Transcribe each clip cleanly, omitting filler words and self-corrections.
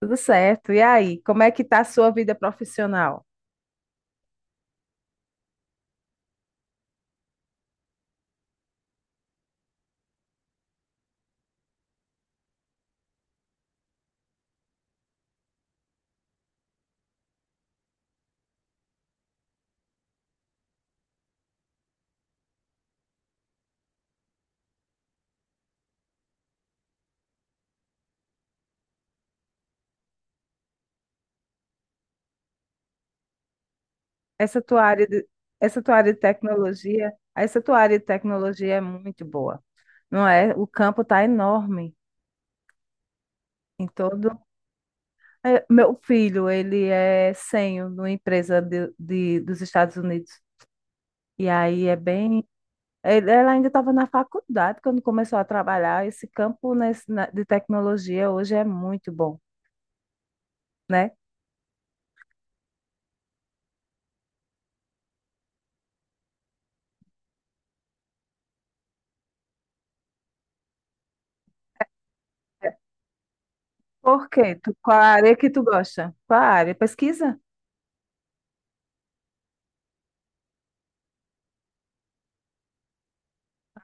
Tudo certo. E aí, como é que tá a sua vida profissional? Essa tua área de, essa tua área de tecnologia é muito boa, não é? O campo tá enorme em todo. Meu filho, ele é sênior numa empresa dos Estados Unidos. E aí é bem. Ele- Ela ainda estava na faculdade quando começou a trabalhar. Esse campo de tecnologia hoje é muito bom, né? Por quê? Qual a área que tu gosta? Qual a área? Pesquisa?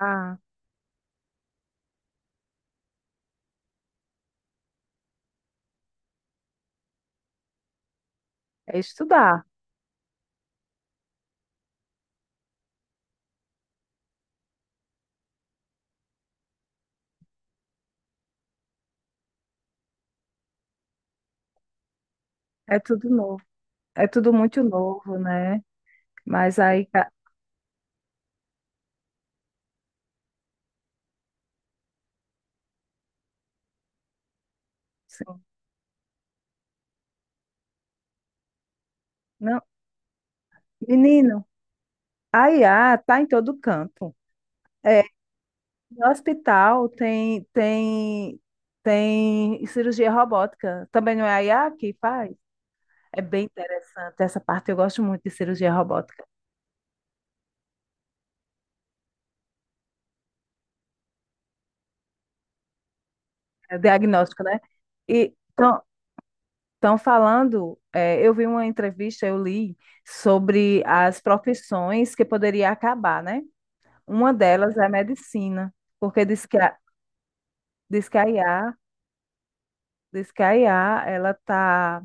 Ah. É estudar. É tudo novo. É tudo muito novo, né? Mas aí, ca- sim. Não, menino, a IA tá em todo canto. É, no hospital tem tem cirurgia robótica. Também não é a IA que faz? É bem interessante essa parte. Eu gosto muito de cirurgia robótica. É diagnóstico, né? E estão falando, eu vi uma entrevista, eu li sobre as profissões que poderia acabar, né? Uma delas é a medicina, porque diz que a IA, diz que a IA,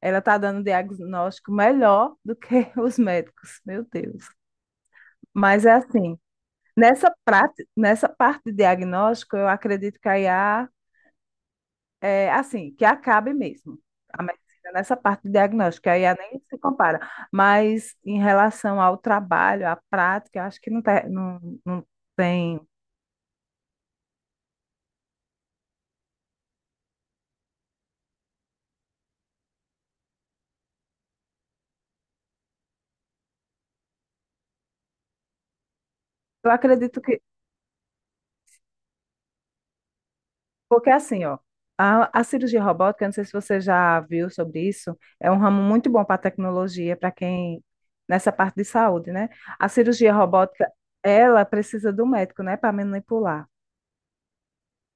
ela tá dando diagnóstico melhor do que os médicos. Meu Deus. Mas é assim, nessa prática, nessa parte de diagnóstico, eu acredito que a IA é assim, que acabe mesmo. A medicina nessa parte de diagnóstico, que a IA nem se compara. Mas em relação ao trabalho, à prática, eu acho que não, tá, não tem. Eu acredito que porque assim, ó, a cirurgia robótica, não sei se você já viu sobre isso, é um ramo muito bom para tecnologia, para quem nessa parte de saúde, né? A cirurgia robótica, ela precisa do médico, né, para manipular,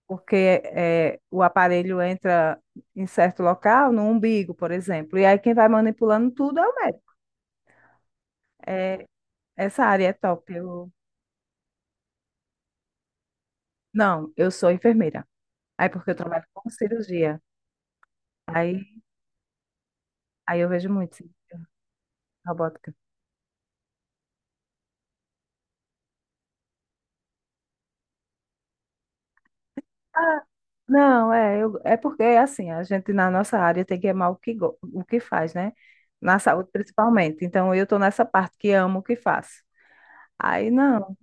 porque o aparelho entra em certo local, no umbigo, por exemplo, e aí quem vai manipulando tudo é o médico. É, essa área é top. Não, eu sou enfermeira. Aí porque eu trabalho com cirurgia. Aí, aí eu vejo muito, sim, robótica. Ah, não, é porque é assim, a gente na nossa área tem que amar o que faz, né? Na saúde principalmente. Então eu tô nessa parte que amo o que faço. Aí não,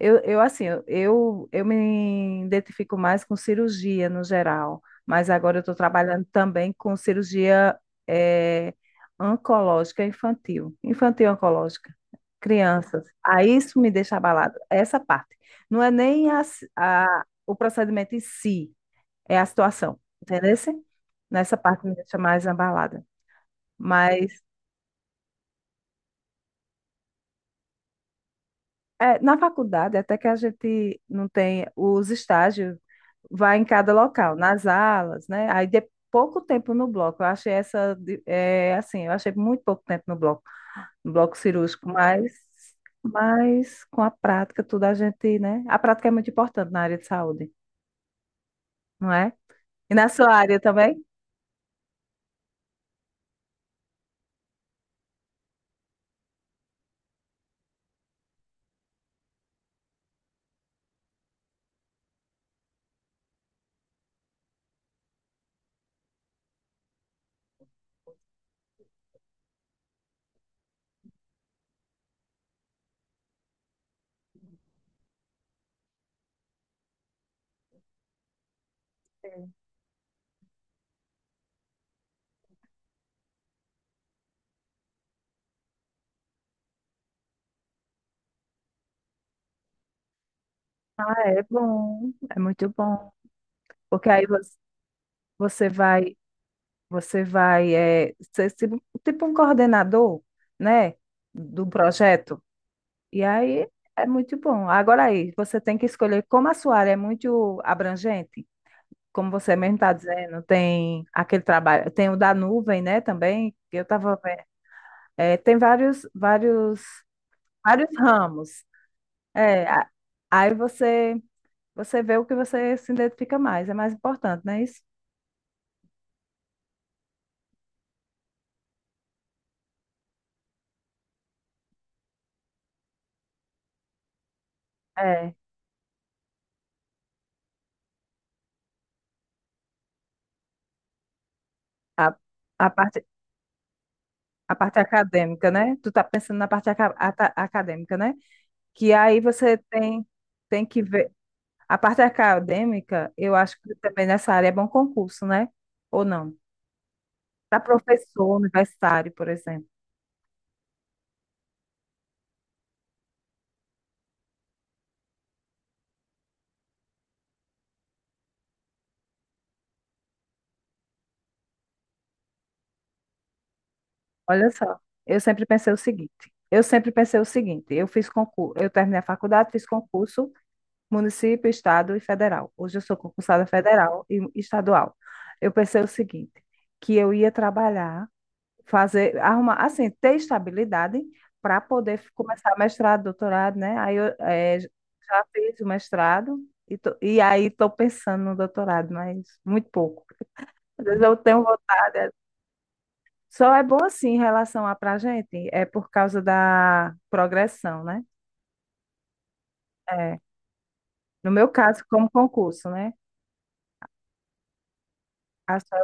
eu me identifico mais com cirurgia no geral, mas agora eu estou trabalhando também com cirurgia eh, oncológica infantil, infantil oncológica, crianças. Aí isso me deixa abalada, essa parte. Não é nem a, a- o procedimento em si. É a situação, entendeu? Nessa parte me deixa mais abalada. Mas é, na faculdade, até que a gente não tem os estágios, vai em cada local, nas alas, né? Aí de pouco tempo no bloco. Eu achei assim, eu achei muito pouco tempo no bloco, no bloco cirúrgico, mas com a prática, tudo a gente, né? A prática é muito importante na área de saúde, não é? E na sua área também? É bom, é muito bom. Porque aí você vai. Você vai é, ser se- tipo um coordenador, né, do projeto. E aí é muito bom. Agora aí, você tem que escolher como a sua área é muito abrangente, como você mesmo está dizendo, tem aquele trabalho, tem o da nuvem, né, também, que eu estava vendo. É, vários ramos. É, a- aí você, você vê o que você se identifica mais, é mais importante, não é isso? É, a, a parte A parte acadêmica, né? Tu tá pensando na parte acadêmica, né? Que aí você tem, tem que ver. A parte acadêmica, eu acho que também nessa área é bom concurso, né? Ou não? Para professor universitário, por exemplo. Olha só, eu sempre pensei o seguinte. Eu sempre pensei o seguinte, eu fiz concurso, eu terminei a faculdade, fiz concurso, município, estado e federal. Hoje eu sou concursada federal e estadual. Eu pensei o seguinte, que eu ia trabalhar fazer, arrumar, assim, ter estabilidade para poder começar mestrado, doutorado, né? Aí já fiz o mestrado e aí estou pensando no doutorado, mas muito pouco. Às vezes eu tenho vontade. Só é bom assim em relação a pra gente, é por causa da progressão, né? É, no meu caso, como concurso, né? A sua,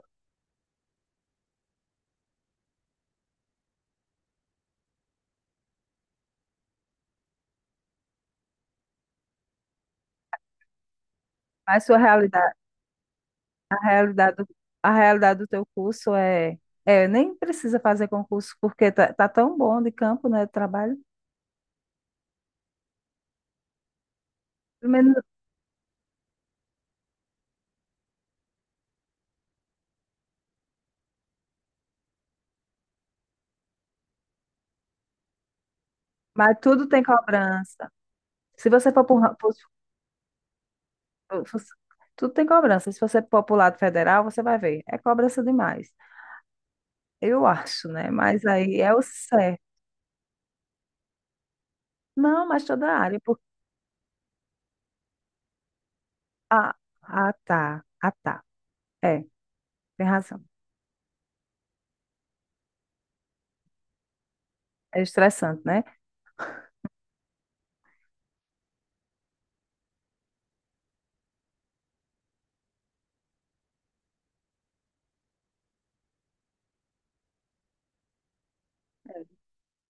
a sua realidade, a realidade, do- a realidade do teu curso é, é, nem precisa fazer concurso porque tá, tá tão bom de campo, né, de trabalho. Mas mas tudo tem cobrança. Se você for pro, ra- pro- tudo tem cobrança. Se você for pro lado federal, você vai ver. É cobrança demais. Eu acho, né? Mas aí é o certo. Não, mas toda a área. Porque... Ah, ah, tá. Ah, tá. É, tem razão. É estressante, né?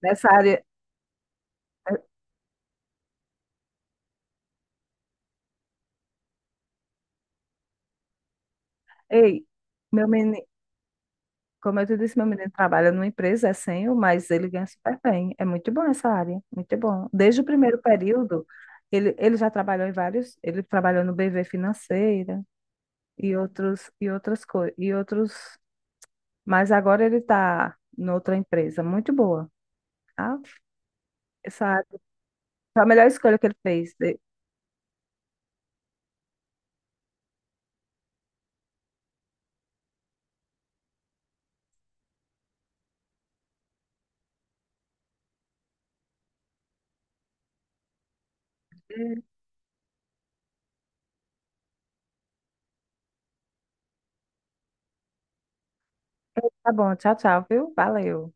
Nessa área. É, Ei, meu menino. Como eu te disse, meu menino trabalha numa empresa, é sênior, mas ele ganha super bem. É muito bom essa área, muito bom. Desde o primeiro período, ele já trabalhou em vários, ele trabalhou no BV Financeira e outras coisas, mas agora ele está noutra empresa muito boa, tá? Essa foi a melhor escolha que ele fez. Tá bom, tchau, tchau, viu? Valeu.